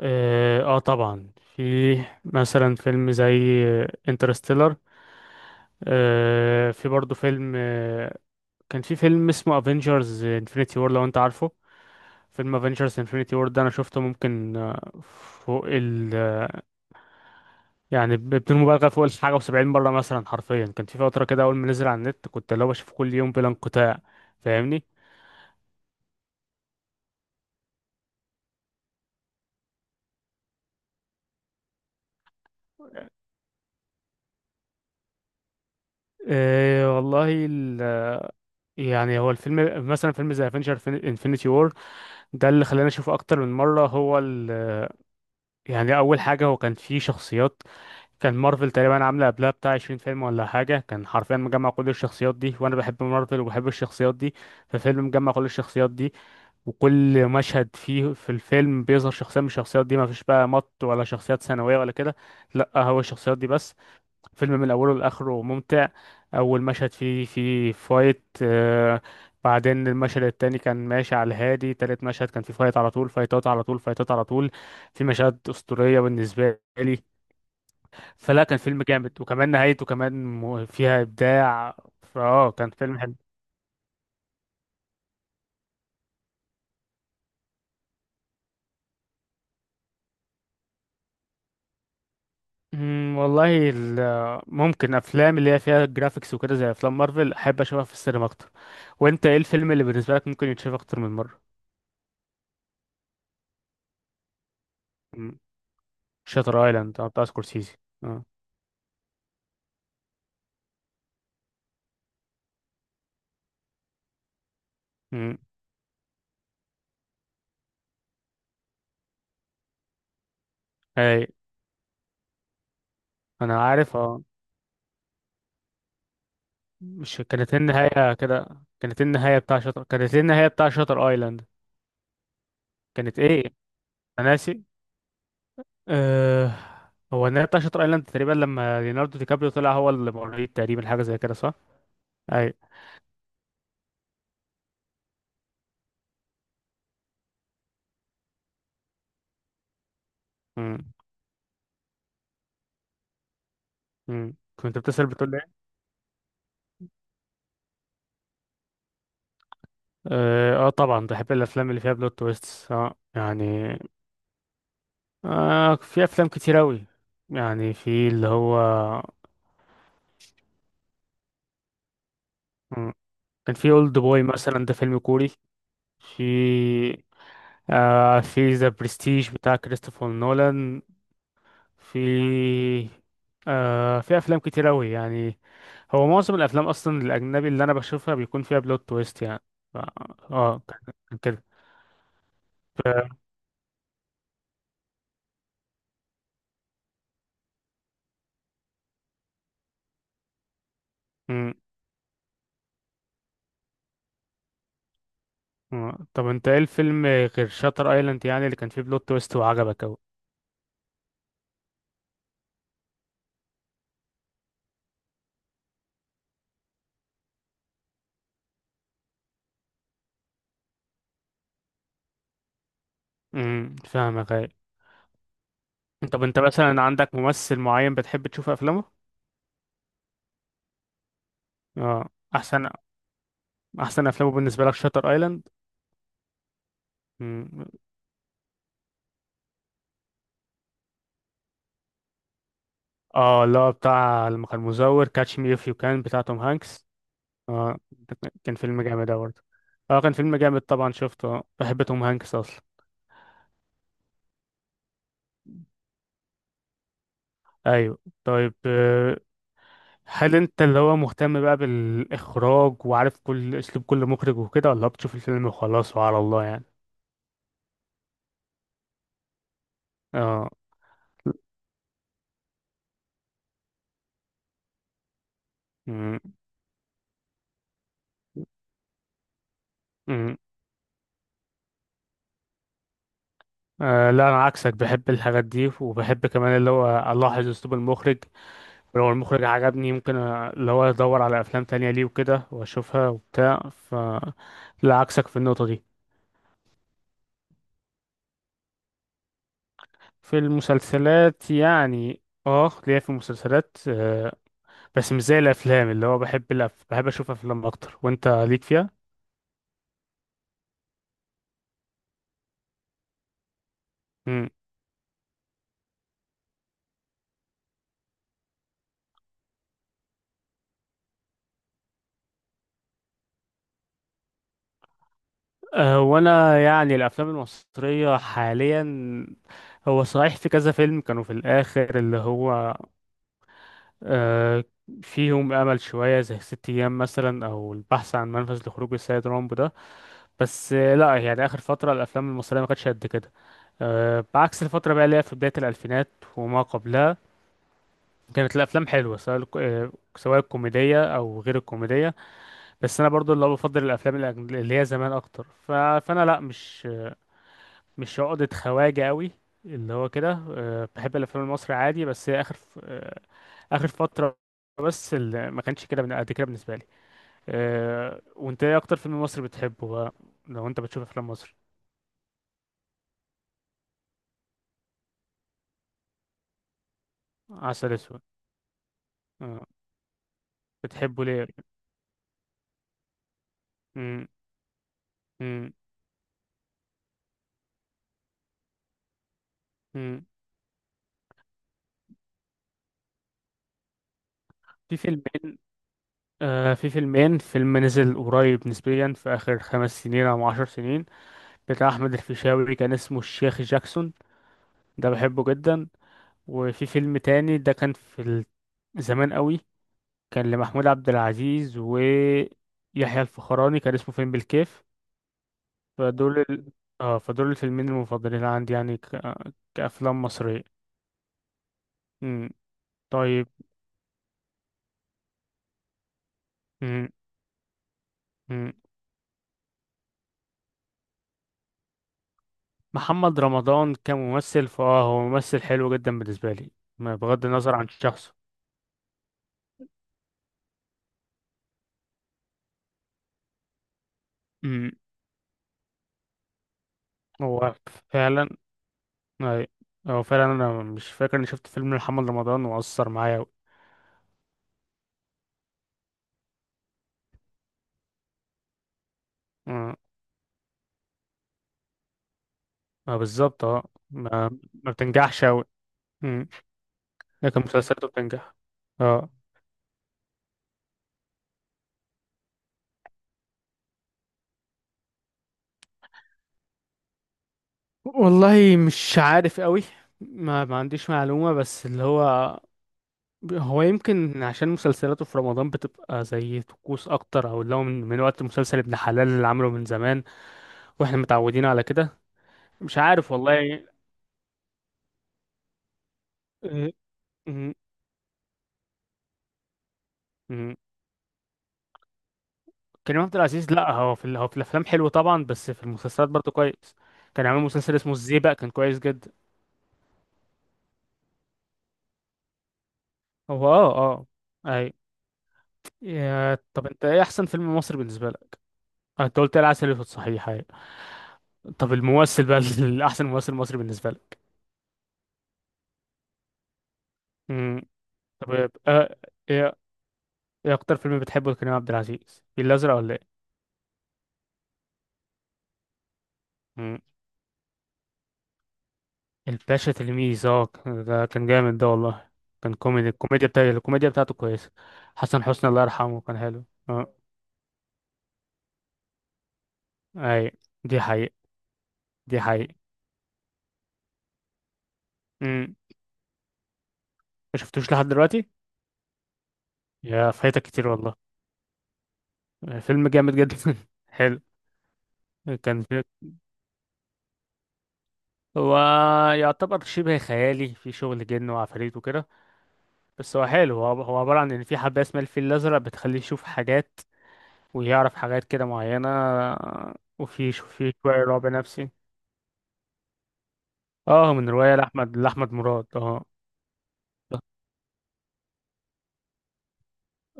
اه، آه، طبعا. في. مثلا فيلم زي انترستيلر. في برضو فيلم كان في فيلم اسمه افنجرز انفينيتي وور، لو انت عارفه. فيلم افنجرز انفينيتي وور ده انا شفته ممكن، فوق ال آه، يعني بدون مبالغه، فوق الحاجه و70 مره مثلا، حرفيا. كان في فتره كده اول ما نزل على النت، كنت اللي هو بشوفه كل يوم بلا انقطاع. فاهمني؟ والله يعني هو الفيلم، مثلا فيلم زي افنجر انفينيتي وور، ده اللي خلاني اشوفه اكتر من مره. هو ال يعني اول حاجه هو كان فيه شخصيات، كان مارفل تقريبا عامله قبلها بتاع 20 فيلم ولا حاجه، كان حرفيا مجمع كل الشخصيات دي، وانا بحب مارفل وبحب الشخصيات دي. ففيلم مجمع كل الشخصيات دي، وكل مشهد فيه في الفيلم بيظهر شخصيه من الشخصيات دي، ما فيش بقى مط ولا شخصيات ثانويه ولا كده، لا، هو الشخصيات دي بس. فيلم من اوله لاخره ممتع. اول مشهد فيه فايت، بعدين المشهد التاني كان ماشي على الهادي، تالت مشهد كان فيه فايت، على طول فايتات، على طول فايتات، على طول. في مشاهد اسطوريه بالنسبه لي. فلا، كان فيلم جامد، وكمان نهايته كمان فيها ابداع. كان فيلم حلو. والله ممكن افلام اللي هي فيها جرافيكس وكده زي افلام مارفل، احب اشوفها في السينما اكتر. وانت ايه الفيلم اللي بالنسبه لك ممكن يتشاف اكتر من مره؟ أمم. شاتر ايلاند بتاع سكورسيزي. امم. اي. انا عارف، اه. مش كانت هي النهايه كده؟ كانت هي النهايه بتاع شطر ايلاند. كانت ايه؟ انا ناسي. أه... هو النهايه بتاع شطر ايلاند تقريبا، لما ليوناردو دي كابريو طلع هو اللي مريض تقريبا، حاجه زي كده، صح؟ اي. امم. كنت بتسأل، بتقول ايه؟ اه، طبعا بحب الافلام اللي فيها بلوت تويست، اه، يعني. في افلام كتير اوي، يعني. في اللي هو. مم. كان في اولد بوي مثلا، ده فيلم كوري. في في ذا برستيج بتاع كريستوفر نولان. في في افلام كتير قوي، يعني. هو معظم الافلام اصلا الاجنبي اللي انا بشوفها بيكون فيها بلوت تويست، يعني. ف- اه، كان كده. مم. آه. طب انت ايه الفيلم غير شاتر ايلاند، يعني، اللي كان فيه بلوت تويست وعجبك قوي؟ فاهمك، ايه. طب انت مثلا عندك ممثل معين بتحب تشوف افلامه؟ اه. احسن احسن افلامه بالنسبه لك شاتر ايلاند؟ اه، لا، بتاع لما كان مزور، كاتش مي اف يو، كان بتاع توم هانكس. اه، كان فيلم جامد أوي برضه. اه، كان فيلم جامد طبعا، شفته، بحب توم هانكس اصلا. ايوه. طيب، هل انت اللي هو مهتم بقى بالاخراج وعارف كل اسلوب كل مخرج وكده، ولا بتشوف الفيلم وخلاص وعلى الله، يعني؟ اه. مم. مم. لا، انا عكسك، بحب الحاجات دي، وبحب كمان اللي هو الاحظ اسلوب المخرج. ولو المخرج عجبني يمكن اللي هو ادور على افلام تانية ليه وكده واشوفها وبتاع. لا، عكسك في النقطة دي. في المسلسلات، يعني، اه، ليا في المسلسلات، بس مش زي الافلام. اللي هو بحب بحب اشوف افلام اكتر. وانت ليك فيها؟ امم وانا، يعني، الافلام المصرية حاليا، هو صحيح في كذا فيلم كانوا في الاخر اللي هو، آه، فيهم أمل شوية، زي 6 أيام مثلا، أو البحث عن منفذ لخروج السيد رامبو ده. بس، لا، يعني، آخر فترة الأفلام المصرية ما كانتش قد كده. بعكس الفترة بقى اللي هي في بداية الألفينات وما قبلها، كانت الأفلام حلوة، سواء سواء الكوميدية أو غير الكوميدية. بس أنا برضو اللي هو بفضل الأفلام اللي هي زمان أكتر. فأنا لا، مش عقدة خواجة قوي، اللي هو، كده. بحب الافلام المصري عادي، بس هي اخر اخر فترة بس اللي ما كانش كده قد كده بالنسبة لي. وانت ايه اكتر فيلم مصري بتحبه بقى، لو انت بتشوف افلام مصري؟ عسل اسود؟ آه، بتحبه ليه؟ مم. مم. مم. في فيلمين. فيلم نزل قريب نسبيا في آخر 5 سنين أو 10 سنين، بتاع أحمد الفيشاوي، كان اسمه الشيخ جاكسون، ده بحبه جدا. وفي فيلم تاني ده كان في زمان قوي، كان لمحمود عبد العزيز ويحيى الفخراني، كان اسمه فيلم بالكيف. فدول ال... اه فدول الفيلمين المفضلين عندي، يعني، كأفلام مصرية. مم. طيب. مم. مم. محمد رمضان كممثل، هو ممثل حلو جدا بالنسبة لي، ما بغض النظر عن شخصه. مم. هو فعلا. أي. هو فعلا انا مش فاكر اني شفت فيلم محمد رمضان وأثر معايا أوي. ما بالظبط، اه. ما ما بتنجحش أوي. مم. لكن مسلسلاته بتنجح. اه، والله مش عارف أوي، ما عنديش معلومة، بس اللي هو، هو يمكن عشان مسلسلاته في رمضان بتبقى زي طقوس أكتر، أو اللي هو من وقت مسلسل ابن حلال اللي عمله من زمان. واحنا متعودين على كده. مش عارف والله. آه، مم. مم. كريم عبد العزيز، لا، هو في الأفلام حلو طبعا، بس في المسلسلات برضه كويس. كان عامل مسلسل اسمه الزيبق، كان كويس جدا. هو، اه، اه. اي. طب انت ايه احسن فيلم مصري بالنسبه لك؟ انت قلت العسل الاسود، صحيح؟ أيوة. طب الممثل بقى الاحسن ممثل مصري بالنسبه لك؟ امم. طب، ايه ايه اكتر فيلم بتحبه لكريم عبد العزيز، الفيل الازرق ولا ايه؟ مم. الباشا تلميذ، ده كان جامد ده والله. كان كوميدي، الكوميديا بتاعته كويسه. حسن حسني، الله يرحمه، كان حلو. اه. اي. دي حقيقة. دي حقيقة. امم ما شفتوش لحد دلوقتي. فايتك كتير والله. فيلم جامد جدا حلو. كان، هو يعتبر شبه خيالي، في شغل جن وعفاريت وكده، بس هو حلو. هو عبارة عن إن في حبة اسمها الفيل الأزرق بتخليه يشوف حاجات، ويعرف حاجات كده معينة. وفي في شوية رعب نفسي. اه، من رواية لأحمد مراد، اه.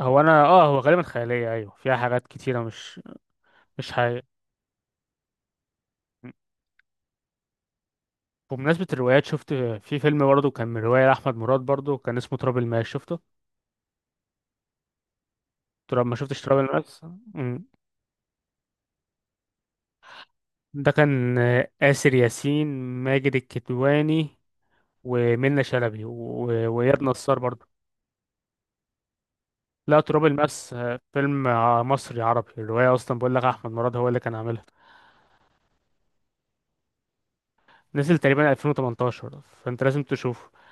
هو، أنا، اه، هو غالبا خيالية، أيوه، فيها حاجات كتيرة، مش حقيقية. بمناسبة الروايات، شفت في فيلم برضه كان من رواية لأحمد مراد برضه، كان اسمه تراب الماس، شفته؟ ما شفتش تراب الماس؟ ده كان، آسر ياسين، ماجد الكدواني، ومنة شلبي، وإياد نصار برضه. لا، تراب الماس فيلم مصري عربي. الرواية أصلا، بقول لك، أحمد مراد هو اللي كان عاملها. نزل تقريبا 2018، فأنت لازم تشوفه.